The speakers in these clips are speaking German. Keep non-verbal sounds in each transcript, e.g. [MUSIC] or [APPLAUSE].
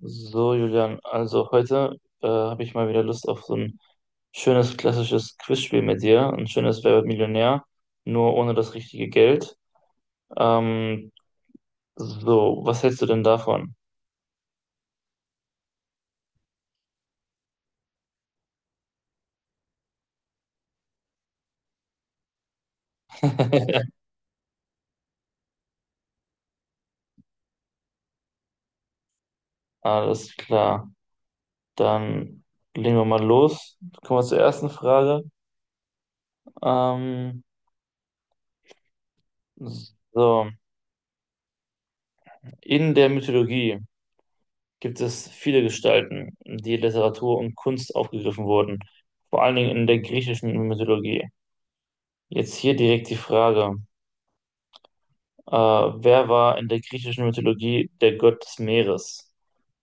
So, Julian, also heute habe ich mal wieder Lust auf so ein schönes klassisches Quizspiel mit dir, ein schönes Wer wird Millionär, nur ohne das richtige Geld. Ähm, Was hältst du denn davon? [LAUGHS] Alles klar, dann legen wir mal los. Kommen wir zur ersten Frage. Ähm, so, in der Mythologie gibt es viele Gestalten, die in Literatur und Kunst aufgegriffen wurden, vor allen Dingen in der griechischen Mythologie. Jetzt hier direkt die Frage. Wer war in der griechischen Mythologie der Gott des Meeres?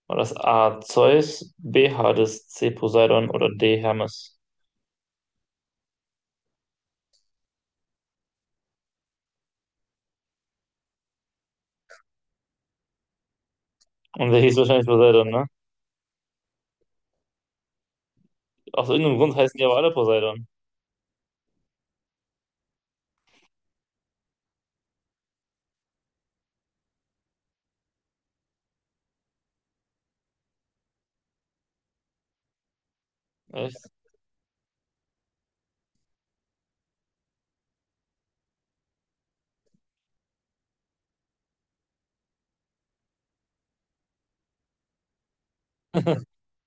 War das A. Zeus, B. Hades, C. Poseidon oder D. Hermes? Und der hieß wahrscheinlich Poseidon, ne? Aus irgendeinem Grund heißen die aber alle Poseidon. Echt?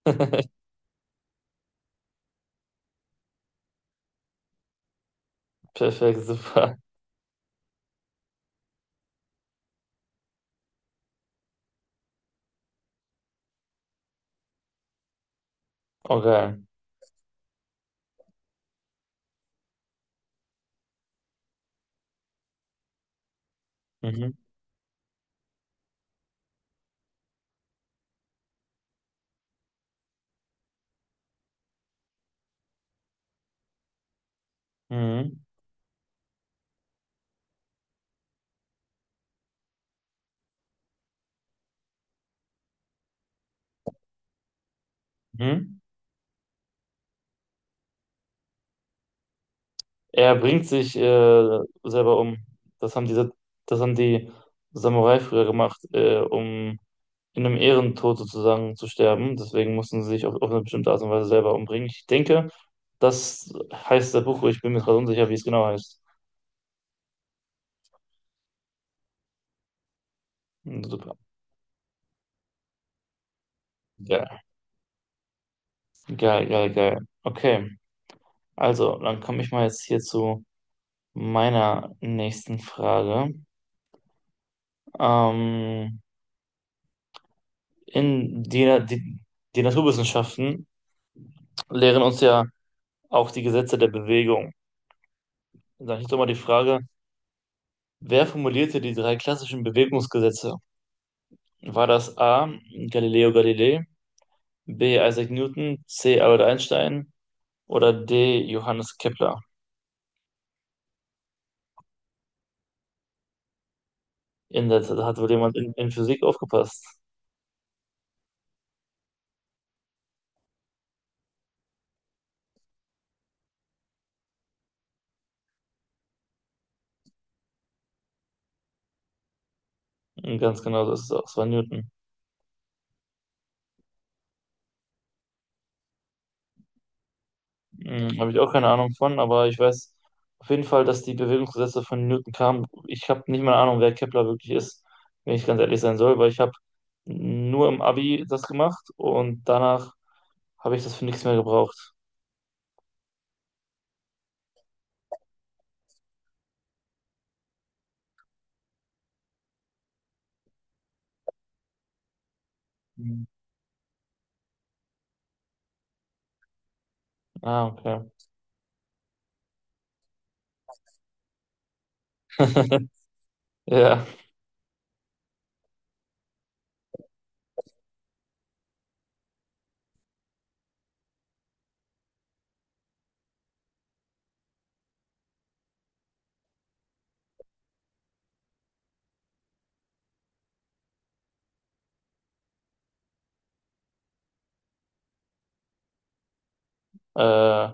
[LAUGHS] Perfekt, super. Okay. Mhm. Mhm. Mhm. Er bringt sich selber um. Das haben diese, das haben die Samurai früher gemacht, um in einem Ehrentod sozusagen zu sterben. Deswegen mussten sie sich auf eine bestimmte Art und Weise selber umbringen. Ich denke, das heißt der Buch. Ich bin mir gerade unsicher, wie es genau heißt. Super. Geil, geil, geil, geil. Okay, also dann komme ich mal jetzt hier zu meiner nächsten Frage. Ähm, in die, die, die Naturwissenschaften lehren uns ja auch die Gesetze der Bewegung. Und dann ist doch mal die Frage, wer formulierte die drei klassischen Bewegungsgesetze? War das A. Galileo Galilei, B. Isaac Newton, C. Albert Einstein oder D. Johannes Kepler? In der, da hat wohl jemand in Physik aufgepasst. Und ganz genau, das ist es auch, es war Newton. Hm, habe ich auch keine Ahnung von, aber ich weiß auf jeden Fall, dass die Bewegungsgesetze von Newton kamen. Ich habe nicht mal eine Ahnung, wer Kepler wirklich ist, wenn ich ganz ehrlich sein soll, weil ich habe nur im Abi das gemacht und danach habe ich das für nichts mehr gebraucht. Mhm. Ah, okay. [LAUGHS] Ja. Äh,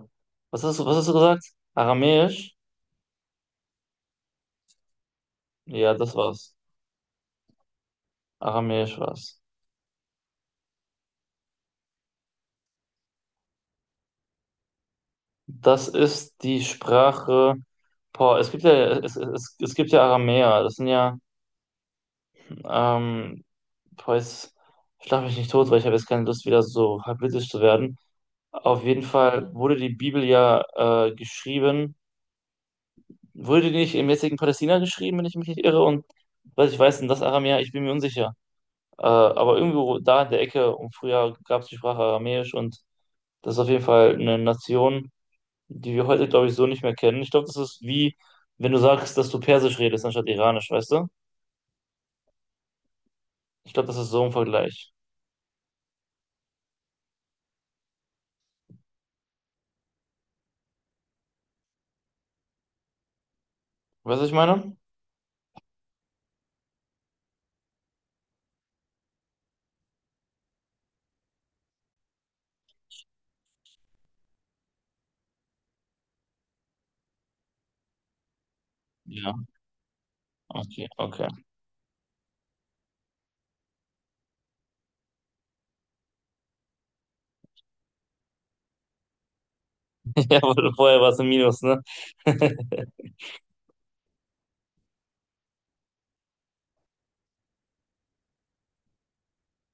was hast du gesagt? Aramäisch? Ja, das war's. Aramäisch war's. Das ist die Sprache. Boah, es gibt ja, es gibt ja Aramäer. Das sind ja, ähm, boah, jetzt schlag mich nicht tot, weil ich habe jetzt keine Lust, wieder so halbwitzig zu werden. Auf jeden Fall wurde die Bibel ja geschrieben. Wurde die nicht im jetzigen Palästina geschrieben, wenn ich mich nicht irre? Und was ich weiß, denn das Aramäer, ich bin mir unsicher. Aber irgendwo da in der Ecke, und früher gab es die Sprache Aramäisch und das ist auf jeden Fall eine Nation, die wir heute, glaube ich, so nicht mehr kennen. Ich glaube, das ist wie, wenn du sagst, dass du Persisch redest anstatt Iranisch, weißt du? Ich glaube, das ist so ein Vergleich. Weißt du, was ich meine? Ja, okay, okay. [LAUGHS] Ja, aber vorher war es ein Minus, ne? [LAUGHS]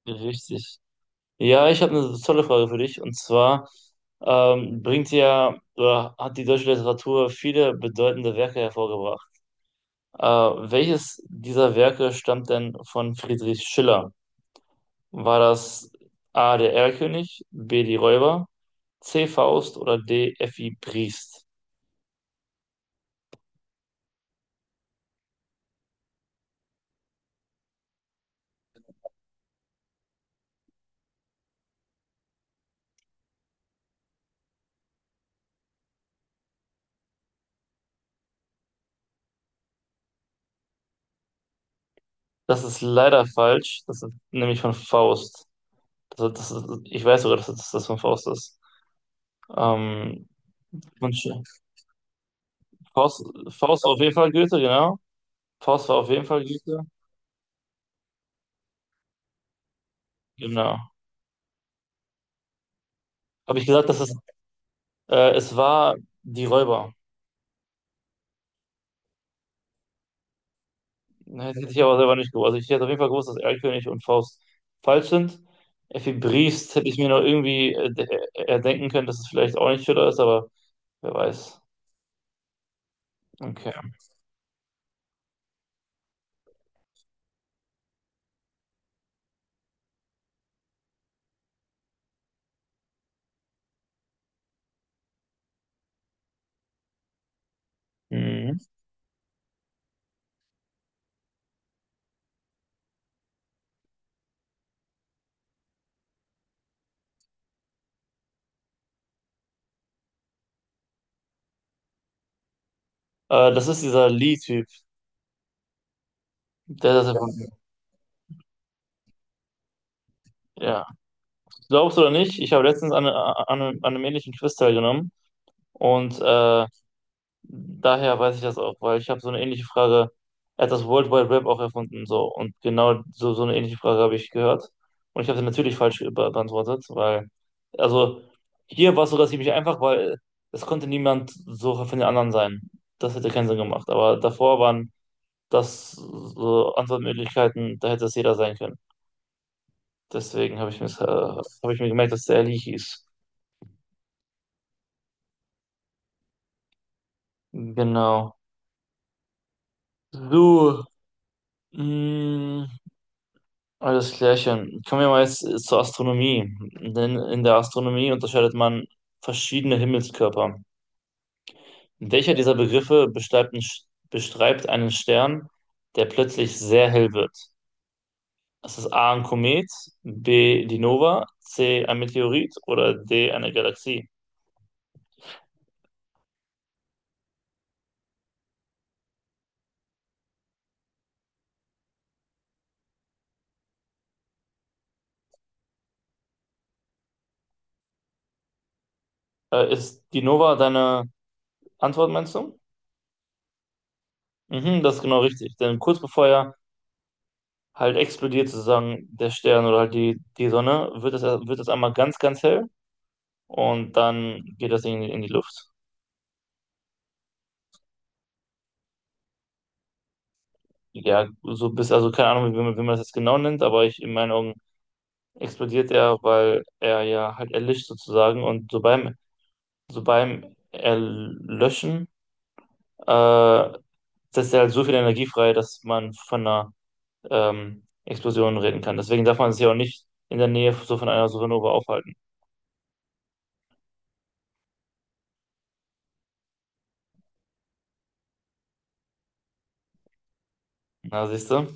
Richtig. Ja, ich habe eine tolle Frage für dich. Und zwar bringt ja oder hat die deutsche Literatur viele bedeutende Werke hervorgebracht. Äh, welches dieser Werke stammt denn von Friedrich Schiller? War das A. der Erlkönig, B. die Räuber, C. Faust oder D. F.I. Briest? Das ist leider falsch. Das ist nämlich von Faust. Das ist, ich weiß sogar, das von Faust ist. Ähm, von Sch- Faust, Faust war auf jeden Fall Goethe, genau. Faust war auf jeden Fall Goethe. Genau. Habe ich gesagt, es war die Räuber. Ne, das hätte ich aber selber nicht gewusst. Also ich hätte auf jeden Fall gewusst, dass Erlkönig und Faust falsch sind. Effi Briest hätte ich mir noch irgendwie erdenken können, dass es vielleicht auch nicht Schiller ist, aber wer weiß. Okay. Mhm. Das ist dieser Lee-Typ, der das erfunden. Ja. Glaubst du oder nicht? Ich habe letztens an einem ähnlichen Quiz teilgenommen und daher weiß ich das auch, weil ich habe so eine ähnliche Frage. Er hat das World Wide Web auch erfunden, so. Und genau so, so eine ähnliche Frage habe ich gehört. Und ich habe sie natürlich falsch be- beantwortet, weil, also, hier war es sogar ziemlich einfach, weil es konnte niemand so von den anderen sein. Das hätte keinen Sinn gemacht. Aber davor waren das so Antwortmöglichkeiten, da hätte es jeder sein können. Deswegen habe ich mir gemerkt, dass der Leahy ist. Genau. So, mh. Alles klärchen. Kommen wir mal jetzt zur Astronomie. Denn in der Astronomie unterscheidet man verschiedene Himmelskörper. Welcher dieser Begriffe beschreibt, einen Sch- beschreibt einen Stern, der plötzlich sehr hell wird? Ist es A ein Komet, B die Nova, C ein Meteorit oder D eine Galaxie? Ist die Nova deine Antwort, meinst du? Mhm, das ist genau richtig. Denn kurz bevor er halt explodiert, sozusagen der Stern oder halt die Sonne, wird es einmal ganz, ganz hell. Und dann geht das Ding in die Luft. Ja, so bis, also keine Ahnung, wie man das jetzt genau nennt, aber ich, in meinen Augen explodiert er, weil er ja halt erlischt sozusagen und so beim Erlöschen, äh, setzt er halt so viel Energie frei, dass man von einer Explosion reden kann. Deswegen darf man sich ja auch nicht in der Nähe so von einer Supernova aufhalten. Na, siehst du?